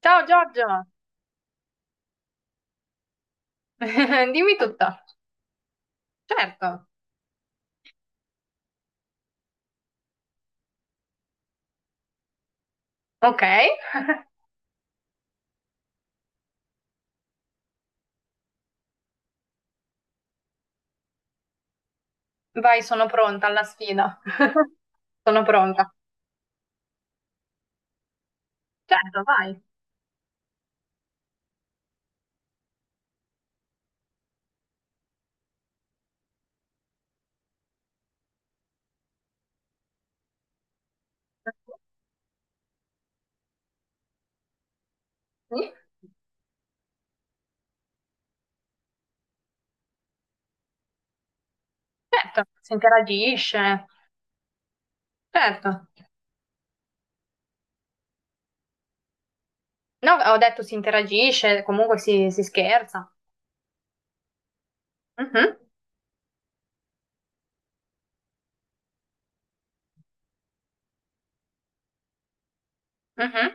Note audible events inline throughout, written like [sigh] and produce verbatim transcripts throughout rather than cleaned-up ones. Ciao Giorgio, [laughs] dimmi tutto. Certo. Ok, vai, sono pronta alla sfida. [laughs] Sono pronta. Certo, vai. Sì? Certo, si interagisce. Certo. No, ho detto si interagisce, comunque si, si scherza. Mhm, mhm.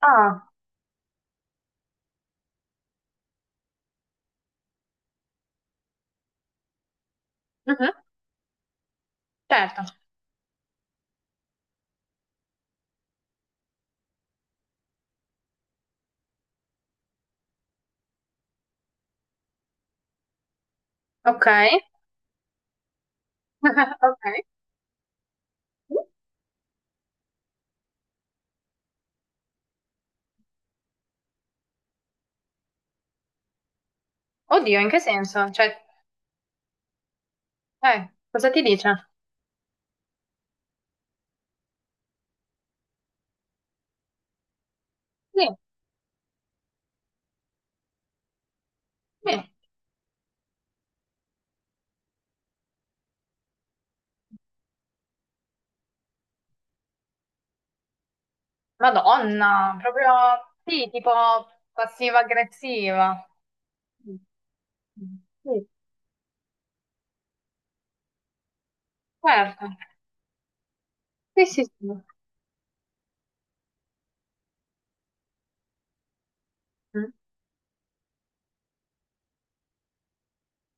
Ah, mhm. Certo. Ok. [laughs] Ok. Oddio, in che senso? Cioè, eh, cosa ti dice? Sì, sì. Madonna, proprio sì, tipo passiva-aggressiva. Mm. Sì, certo. Sì, sì, sì. Mm.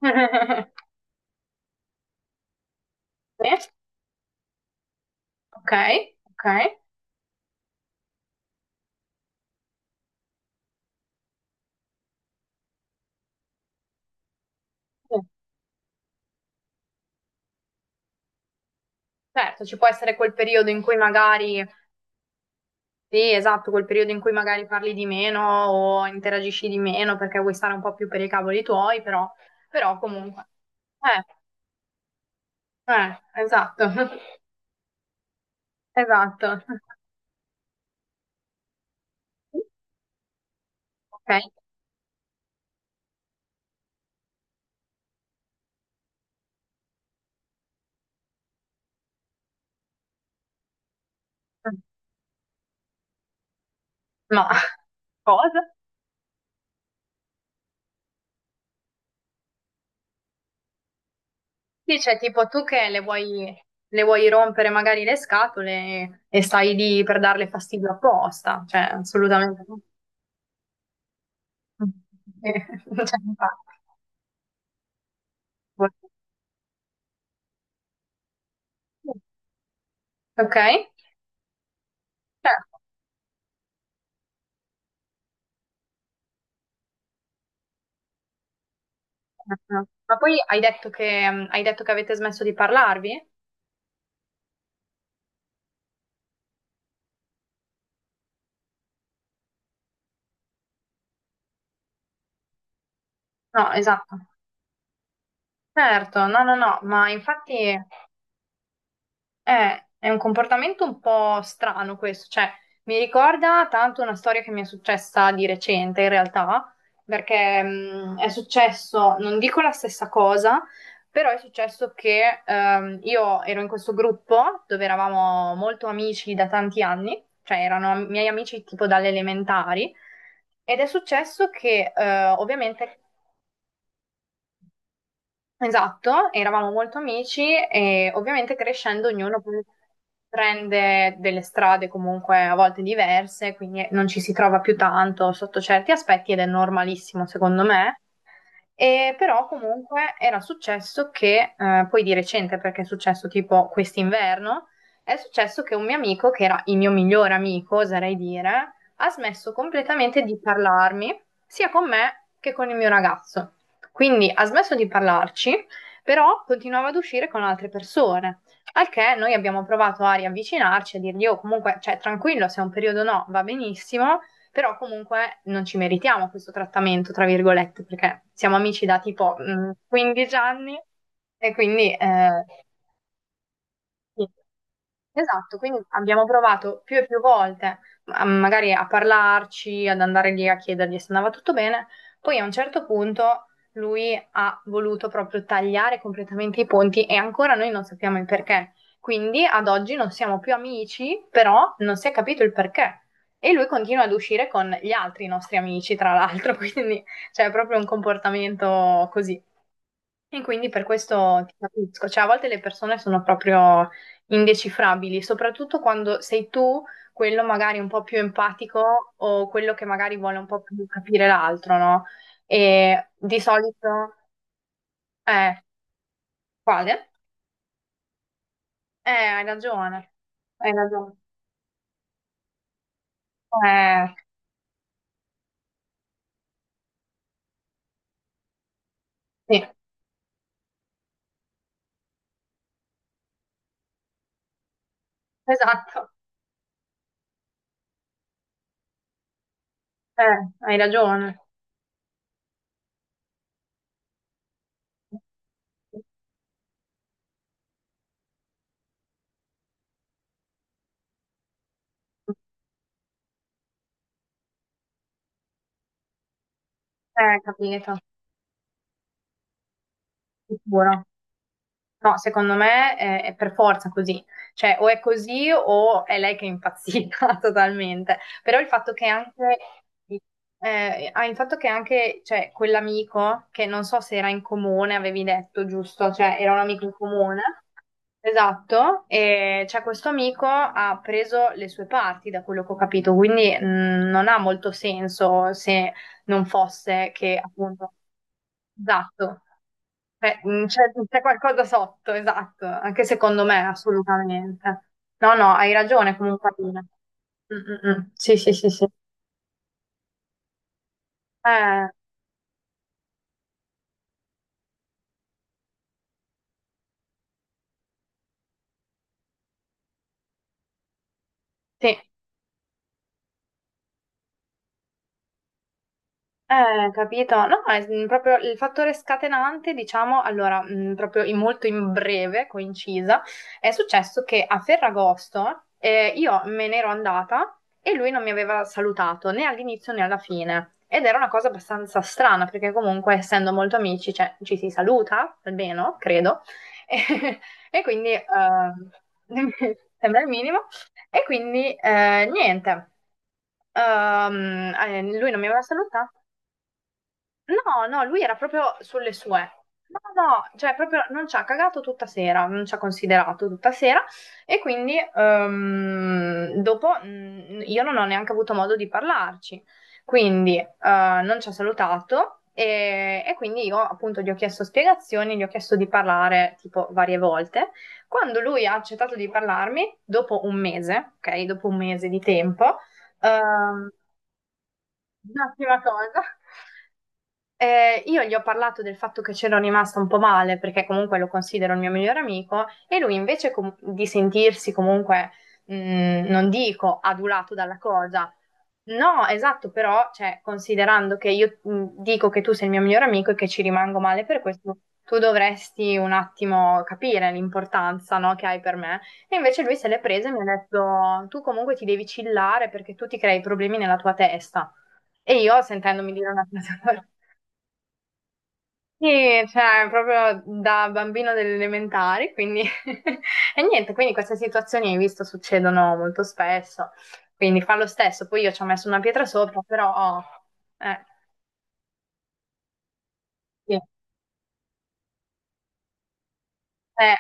[laughs] Sì, ok, ok. Sì. Certo, ci può essere quel periodo in cui magari, sì, esatto, quel periodo in cui magari parli di meno o interagisci di meno perché vuoi stare un po' più per i cavoli tuoi, però, però comunque. Eh, eh, esatto, [laughs] esatto. Ok. Ma cosa? Sì, cioè tipo tu che le vuoi, le vuoi rompere magari le scatole e stai lì per darle fastidio apposta, cioè assolutamente no. [laughs] Eh, Cioè, infatti. Ok? Certo. Ma poi hai detto che, hai detto che avete smesso di parlarvi? No, esatto. Certo, no, no, no, ma infatti Eh, è un comportamento un po' strano questo, cioè mi ricorda tanto una storia che mi è successa di recente in realtà, perché mh, è successo, non dico la stessa cosa, però è successo che ehm, io ero in questo gruppo dove eravamo molto amici da tanti anni, cioè erano am- miei amici tipo dalle elementari, ed è successo che eh, ovviamente esatto, eravamo molto amici e ovviamente crescendo ognuno poi prende delle strade comunque a volte diverse, quindi non ci si trova più tanto sotto certi aspetti ed è normalissimo secondo me. E però comunque era successo che, eh, poi di recente, perché è successo tipo quest'inverno, è successo che un mio amico, che era il mio migliore amico, oserei dire, ha smesso completamente di parlarmi, sia con me che con il mio ragazzo. Quindi ha smesso di parlarci, però continuava ad uscire con altre persone. Al che noi abbiamo provato a riavvicinarci, a dirgli, oh comunque, cioè tranquillo, se è un periodo no, va benissimo. Però comunque non ci meritiamo questo trattamento, tra virgolette, perché siamo amici da tipo mm, quindici anni e quindi eh, sì. Esatto, quindi abbiamo provato più e più volte, a- magari a parlarci, ad andare lì a chiedergli se andava tutto bene. Poi a un certo punto lui ha voluto proprio tagliare completamente i ponti e ancora noi non sappiamo il perché. Quindi ad oggi non siamo più amici, però non si è capito il perché. E lui continua ad uscire con gli altri nostri amici, tra l'altro, [laughs] quindi c'è proprio un comportamento così. E quindi per questo ti capisco, cioè a volte le persone sono proprio indecifrabili, soprattutto quando sei tu quello magari un po' più empatico o quello che magari vuole un po' più capire l'altro, no? E di solito, eh, quale? Eh, hai ragione, hai ragione. Eh, sì, esatto, eh, hai ragione. Eh, capito, sicuro. No, secondo me è, è per forza così, cioè o è così o è lei che è impazzita [laughs] totalmente, però il fatto che anche, eh, ah, il fatto che anche, cioè, quell'amico, che non so se era in comune, avevi detto, giusto, cioè era un amico in comune, esatto, e cioè, questo amico ha preso le sue parti, da quello che ho capito, quindi mh, non ha molto senso se non fosse che appunto, esatto. Eh, mm, c'è c'è qualcosa sotto, esatto, anche secondo me, assolutamente. No, no, hai ragione comunque. Alina. Mm, mm, mm. Sì, sì, sì, sì. Eh, sì. Eh, capito? No, è mm, proprio il fattore scatenante, diciamo, allora, mm, proprio in molto in breve, coincisa, è successo che a Ferragosto eh, io me ne ero andata e lui non mi aveva salutato né all'inizio né alla fine. Ed era una cosa abbastanza strana, perché comunque essendo molto amici, cioè, ci si saluta, almeno, credo. [laughs] E, e quindi, eh, [laughs] sembra il minimo. E quindi, eh, niente. Ehm, eh, lui non mi aveva salutato. No, no, lui era proprio sulle sue. No, no, cioè proprio non ci ha cagato tutta sera, non ci ha considerato tutta sera e quindi ehm, dopo mh, io non ho neanche avuto modo di parlarci, quindi eh, non ci ha salutato e, e quindi io appunto gli ho chiesto spiegazioni, gli ho chiesto di parlare tipo varie volte. Quando lui ha accettato di parlarmi, dopo un mese, ok, dopo un mese di tempo, ehm, l'ultima cosa. Eh, io gli ho parlato del fatto che c'ero rimasta un po' male, perché comunque lo considero il mio migliore amico, e lui invece com- di sentirsi comunque, mh, non dico adulato dalla cosa, no, esatto, però, cioè, considerando che io mh, dico che tu sei il mio migliore amico e che ci rimango male per questo, tu dovresti un attimo capire l'importanza, no, che hai per me. E invece lui se l'è presa e mi ha detto, tu comunque ti devi chillare perché tu ti crei problemi nella tua testa. E io sentendomi dire una cosa [laughs] Sì, cioè, proprio da bambino delle elementari, quindi... [laughs] E niente, quindi queste situazioni, hai visto, succedono molto spesso. Quindi fa lo stesso, poi io ci ho messo una pietra sopra, però... Eh, sì. Eh,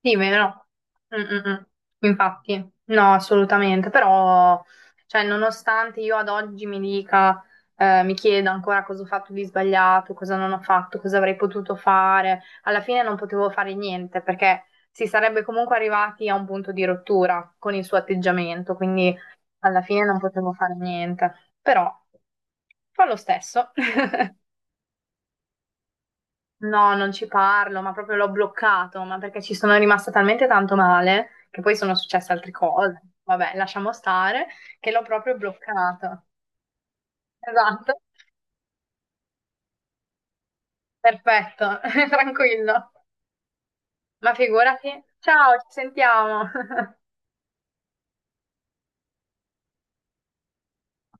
sì, vero. Mm, mm, mm. Infatti, no, assolutamente, però, cioè, nonostante io ad oggi mi dica, eh, mi chieda ancora cosa ho fatto di sbagliato, cosa non ho fatto, cosa avrei potuto fare, alla fine non potevo fare niente perché si sarebbe comunque arrivati a un punto di rottura con il suo atteggiamento, quindi alla fine non potevo fare niente, però fa lo stesso. [laughs] No, non ci parlo, ma proprio l'ho bloccato, ma perché ci sono rimasta talmente tanto male, che poi sono successe altre cose. Vabbè, lasciamo stare, che l'ho proprio bloccato. Esatto, perfetto, [laughs] tranquillo. Ma figurati. Ciao, ci sentiamo.